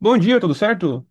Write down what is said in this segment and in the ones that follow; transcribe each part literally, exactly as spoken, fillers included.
Bom dia, tudo certo?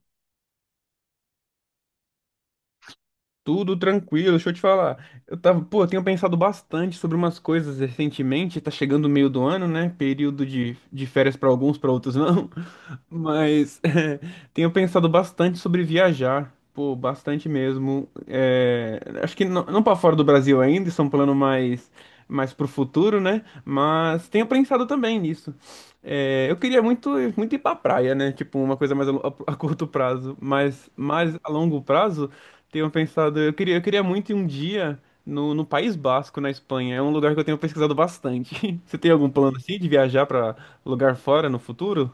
Tudo tranquilo, deixa eu te falar. Eu tava, pô, eu tenho pensado bastante sobre umas coisas recentemente, tá chegando o meio do ano, né? Período de, de férias pra alguns, pra outros não. Mas é, tenho pensado bastante sobre viajar, pô, bastante mesmo. É, acho que não, não para fora do Brasil ainda, isso é um plano mais mais pro futuro, né? Mas tenho pensado também nisso. É, eu queria muito muito ir pra praia, né? Tipo, uma coisa mais a, lo- a curto prazo, mas mais a longo prazo tenho pensado, eu queria, eu queria muito ir um dia no, no País Basco, na Espanha. É um lugar que eu tenho pesquisado bastante. Você tem algum plano assim de viajar pra lugar fora no futuro?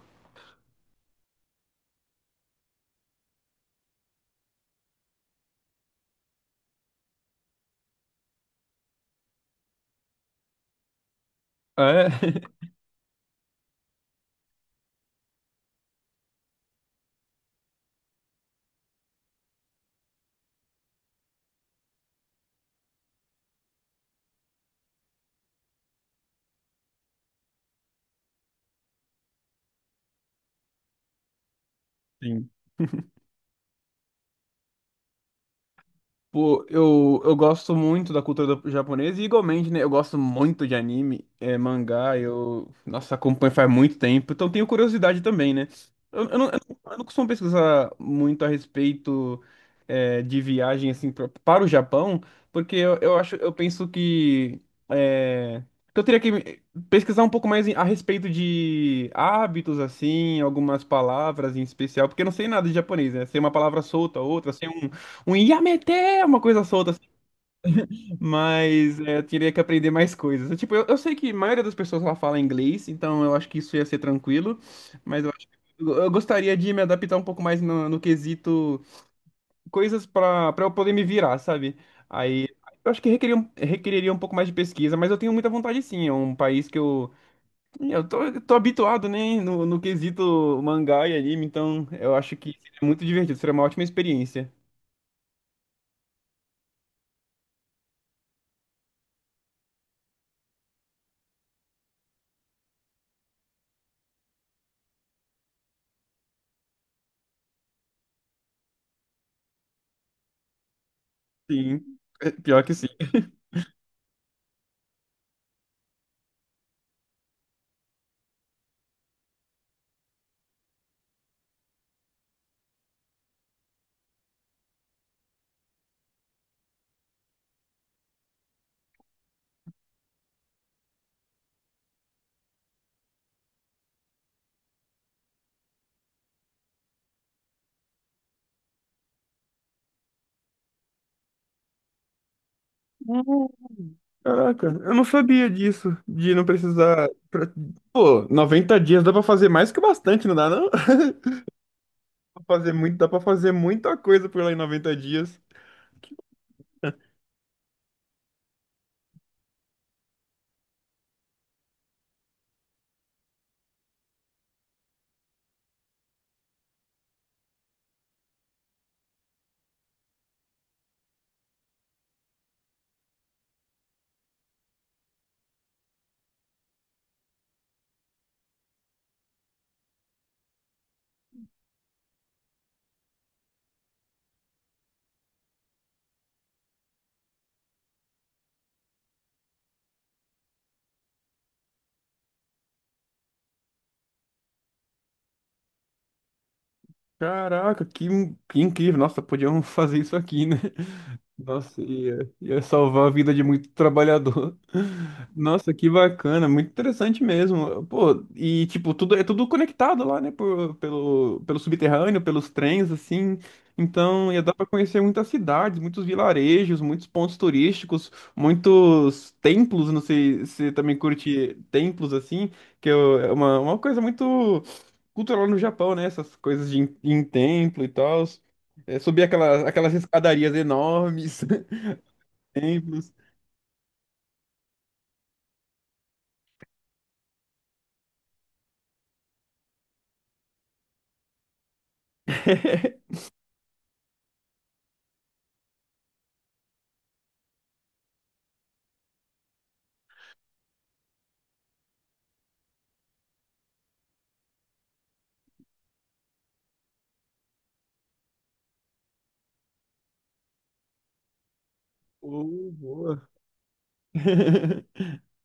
É. Sim. Pô, eu, eu gosto muito da cultura do- japonesa e igualmente, né? Eu gosto muito de anime, é, mangá, eu, nossa, acompanho faz muito tempo, então tenho curiosidade também, né? Eu, eu não, eu não eu não costumo pesquisar muito a respeito, é, de viagem, assim, pra- para o Japão, porque eu, eu acho, eu penso que, é, que eu teria que me- pesquisar um pouco mais em- a respeito de hábitos, assim, algumas palavras em especial, porque eu não sei nada de japonês, né? Sei uma palavra solta, outra, sei um um Yamete, uma coisa solta, assim. Mas é, eu teria que aprender mais coisas. Tipo, eu, eu sei que a maioria das pessoas lá fala inglês, então eu acho que isso ia ser tranquilo, mas eu acho que eu eu gostaria de me adaptar um pouco mais no, no quesito coisas pra para eu poder me virar, sabe? Aí eu acho que requeria, um- requeriria um pouco mais de pesquisa, mas eu tenho muita vontade sim. É um país que eu, eu tô, eu tô habituado, né, no, no quesito mangá e anime, então eu acho que seria muito divertido, seria uma ótima experiência. Sim, é, pior que sim. Caraca, eu não sabia disso, de não precisar. pra- Pô, noventa dias dá pra fazer mais que bastante, não dá não? Pra fazer muito, dá pra fazer muita coisa por lá em noventa dias. Caraca, que, in- que incrível. Nossa, podiam fazer isso aqui, né? Nossa, ia, ia salvar a vida de muito trabalhador. Nossa, que bacana, muito interessante mesmo. Pô, e tipo, tudo é tudo conectado lá, né? Por, pelo, pelo subterrâneo, pelos trens, assim. Então ia dar pra conhecer muitas cidades, muitos vilarejos, muitos pontos turísticos, muitos templos. Não sei se você também curte templos, assim, que é uma, uma coisa muito culto lá no Japão, né? Essas coisas de em, em templo e tal. É, subir aquelas, aquelas escadarias enormes, templos. Oh, boa.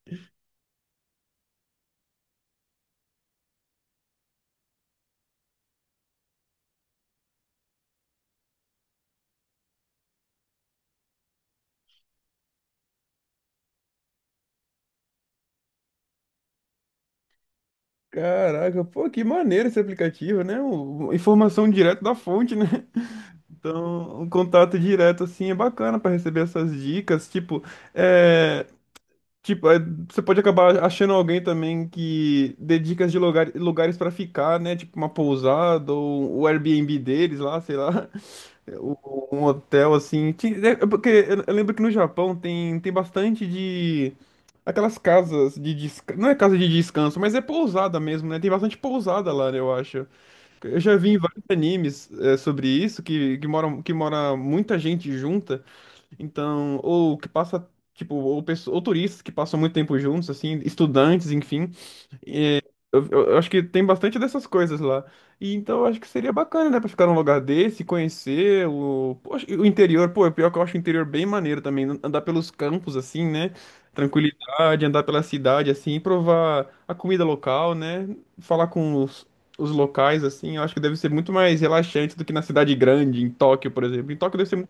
Caraca, pô, que maneiro esse aplicativo, né? O- Informação direto da fonte, né? Então, um contato direto, assim, é bacana para receber essas dicas. Tipo, é, tipo, é, você pode acabar achando alguém também que dê dicas de lugar, lugares para ficar, né? Tipo, uma pousada ou o Airbnb deles lá, sei lá. o- um hotel assim. ti- É é porque eu eu lembro que no Japão tem, tem bastante de. Aquelas casas de descanso. Não é casa de descanso, mas é pousada mesmo, né? Tem bastante pousada lá, né, eu acho. Eu já vi em vários animes é, sobre isso, que, que mora, que mora muita gente junta. Então, ou que passa, tipo, ou, pesso- ou turistas que passam muito tempo juntos, assim, estudantes, enfim. Eu, eu- eu acho que tem bastante dessas coisas lá. E então eu acho que seria bacana, né, pra ficar num lugar desse, conhecer o, poxa, e o interior. Pô, é pior que eu acho o interior bem maneiro também. an- Andar pelos campos, assim, né? Tranquilidade, andar pela cidade, assim, provar a comida local, né? Falar com os, os locais, assim. Eu acho que deve ser muito mais relaxante do que na cidade grande, em Tóquio, por exemplo. Em Tóquio deve ser. mu-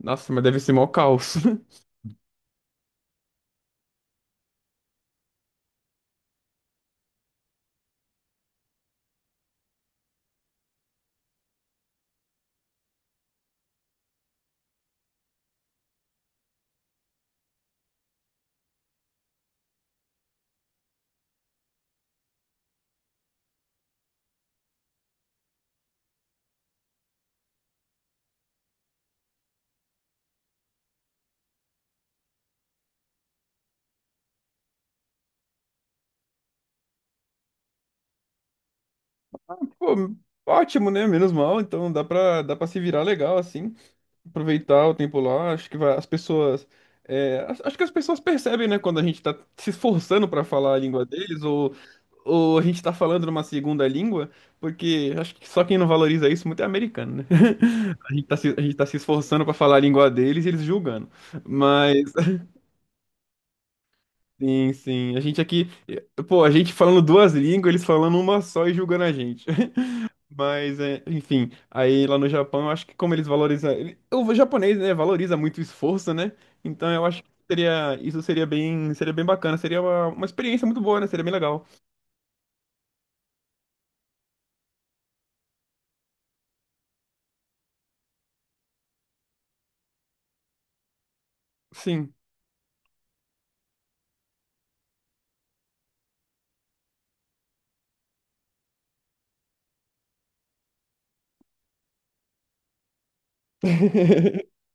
Nossa, mas deve ser mó caos. Pô, ótimo, né? Menos mal. Então dá pra, dá pra se virar legal, assim. Aproveitar o tempo lá. Acho que vai- as pessoas. É, as- acho que as pessoas percebem, né, quando a gente tá se esforçando para falar a língua deles, ou, ou a gente tá falando numa segunda língua, porque acho que só quem não valoriza isso muito é americano, né? A gente tá se, a gente tá se esforçando para falar a língua deles e eles julgando. Mas. Sim, sim. A gente aqui, eh, pô, a gente falando duas línguas, eles falando uma só e julgando a gente. Mas, é, enfim, aí lá no Japão, eu acho que como eles valorizam, ele- o japonês, né, valoriza muito o esforço, né? Então eu acho que seria, isso seria bem, seria bem bacana, seria uma, uma experiência muito boa, né? Seria bem legal. Sim.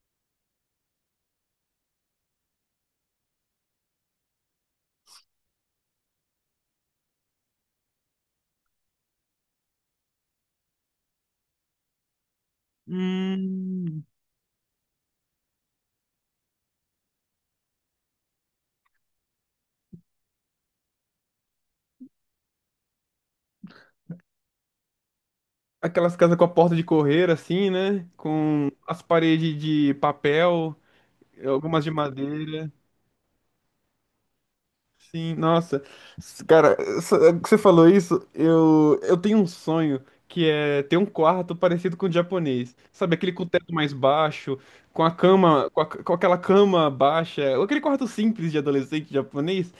Aquelas casas com a porta de correr, assim, né? Com as paredes de papel, algumas de madeira. Sim, nossa. S- Cara, essa- que você falou isso, eu, eu tenho um sonho que é ter um quarto parecido com o japonês. Sabe, aquele com o teto mais baixo, com a cama, com, a- com aquela cama baixa, aquele quarto simples de adolescente japonês,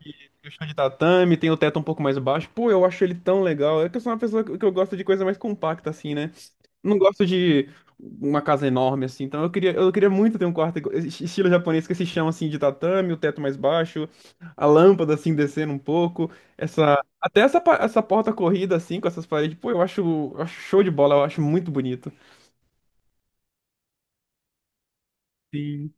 que tem o chão de tatame, tem o teto um pouco mais baixo. Pô, eu acho ele tão legal. É que eu sou uma pessoa que que eu gosto de coisa mais compacta, assim, né? Não gosto de uma casa enorme assim, então eu queria, eu queria muito ter um quarto igual- es- estilo japonês com esse chão assim de tatame, o teto mais baixo, a lâmpada assim descendo um pouco, essa até essa, pa- essa porta corrida assim com essas paredes, pô, eu acho, eu acho show de bola, eu acho muito bonito. Sim.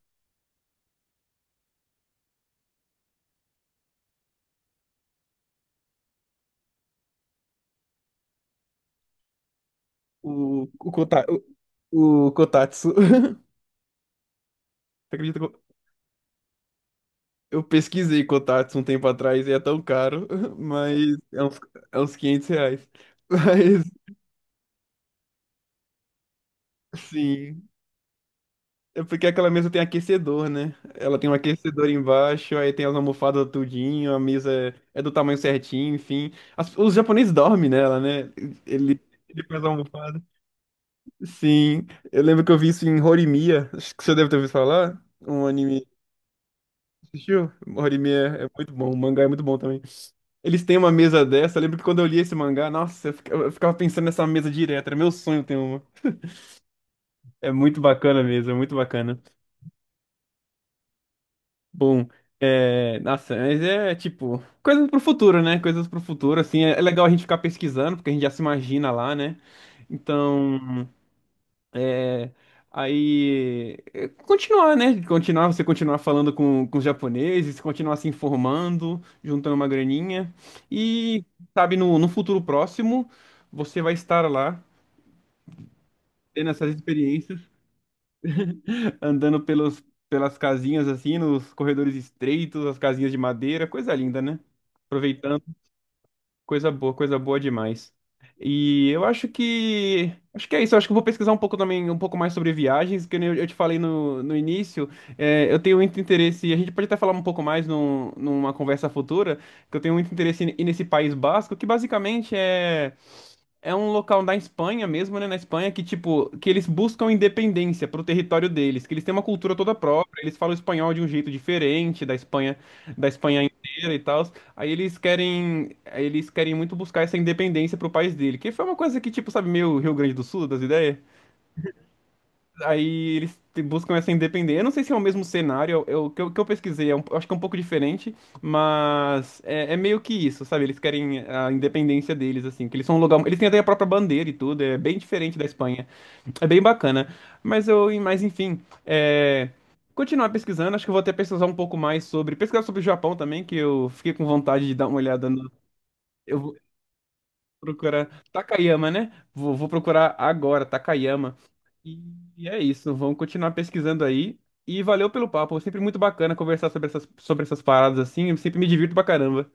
O o, kota, o, o Kotatsu. Você acredita que eu eu pesquisei Kotatsu um tempo atrás e é tão caro, mas é uns, é uns quinhentos reais. Mas sim, é porque aquela mesa tem aquecedor, né? Ela tem um aquecedor embaixo, aí tem as almofadas tudinho, a mesa é, é do tamanho certinho, enfim. As- os japoneses dormem nela, né? Ele ele faz a almofada. Sim, eu lembro que eu vi isso em Horimiya, acho que você deve ter ouvido falar, um anime. Assistiu? Horimiya é muito bom, o mangá é muito bom também. Eles têm uma mesa dessa, eu lembro que quando eu li esse mangá, nossa, eu fica- eu ficava pensando nessa mesa direto, era meu sonho ter uma. É muito bacana mesmo, é muito bacana. Bom, é, nossa, mas é tipo, coisas pro futuro, né? Coisas pro futuro, assim, é é legal a gente ficar pesquisando, porque a gente já se imagina lá, né? Então, é, aí, é, continuar, né? Continuar, você continuar falando com, com os japoneses, continuar se informando, juntando uma graninha, e, sabe, no, no futuro próximo, você vai estar lá, tendo essas experiências, andando pelos, pelas casinhas, assim, nos corredores estreitos, as casinhas de madeira, coisa linda, né? Aproveitando coisa boa, coisa boa demais. E eu acho que. Acho que é isso. Eu acho que eu vou pesquisar um pouco também, um pouco mais sobre viagens, que nem eu eu te falei no, no início. É, eu tenho muito interesse, e a gente pode até falar um pouco mais num, numa conversa futura, que eu tenho muito interesse em, em nesse País Basco, que basicamente é. É um local da Espanha mesmo, né? Na Espanha que, tipo, que eles buscam independência pro território deles, que eles têm uma cultura toda própria, eles falam espanhol de um jeito diferente da Espanha, da Espanha inteira e tal. Aí eles querem, aí eles querem muito buscar essa independência pro país dele, que foi uma coisa que, tipo, sabe, meio Rio Grande do Sul, das ideias? Aí eles te- buscam essa independência. Eu não sei se é o mesmo cenário, eu, eu- que, eu, que eu pesquisei, é um- eu acho que é um pouco diferente, mas é, é meio que isso, sabe? Eles querem a independência deles, assim, que eles são um lugar. Eles têm até a própria bandeira e tudo, é bem diferente da Espanha. É bem bacana. Mas eu, mas enfim, é, continuar pesquisando, acho que eu vou até pesquisar um pouco mais sobre. Pesquisar sobre o Japão também, que eu fiquei com vontade de dar uma olhada no. Eu vou procurar Takayama, né? Vou, vou procurar agora, Takayama. E e é isso, vamos continuar pesquisando aí. E valeu pelo papo, sempre muito bacana conversar sobre essas, sobre essas paradas assim, eu sempre me divirto pra caramba.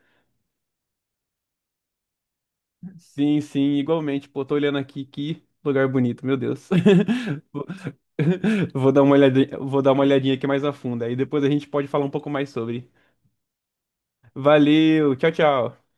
Sim, sim, igualmente. Pô, tô olhando aqui, que lugar bonito, meu Deus. Vou vou dar uma olhadinha, vou dar uma olhadinha aqui mais a fundo, aí depois a gente pode falar um pouco mais sobre. Valeu, tchau, tchau.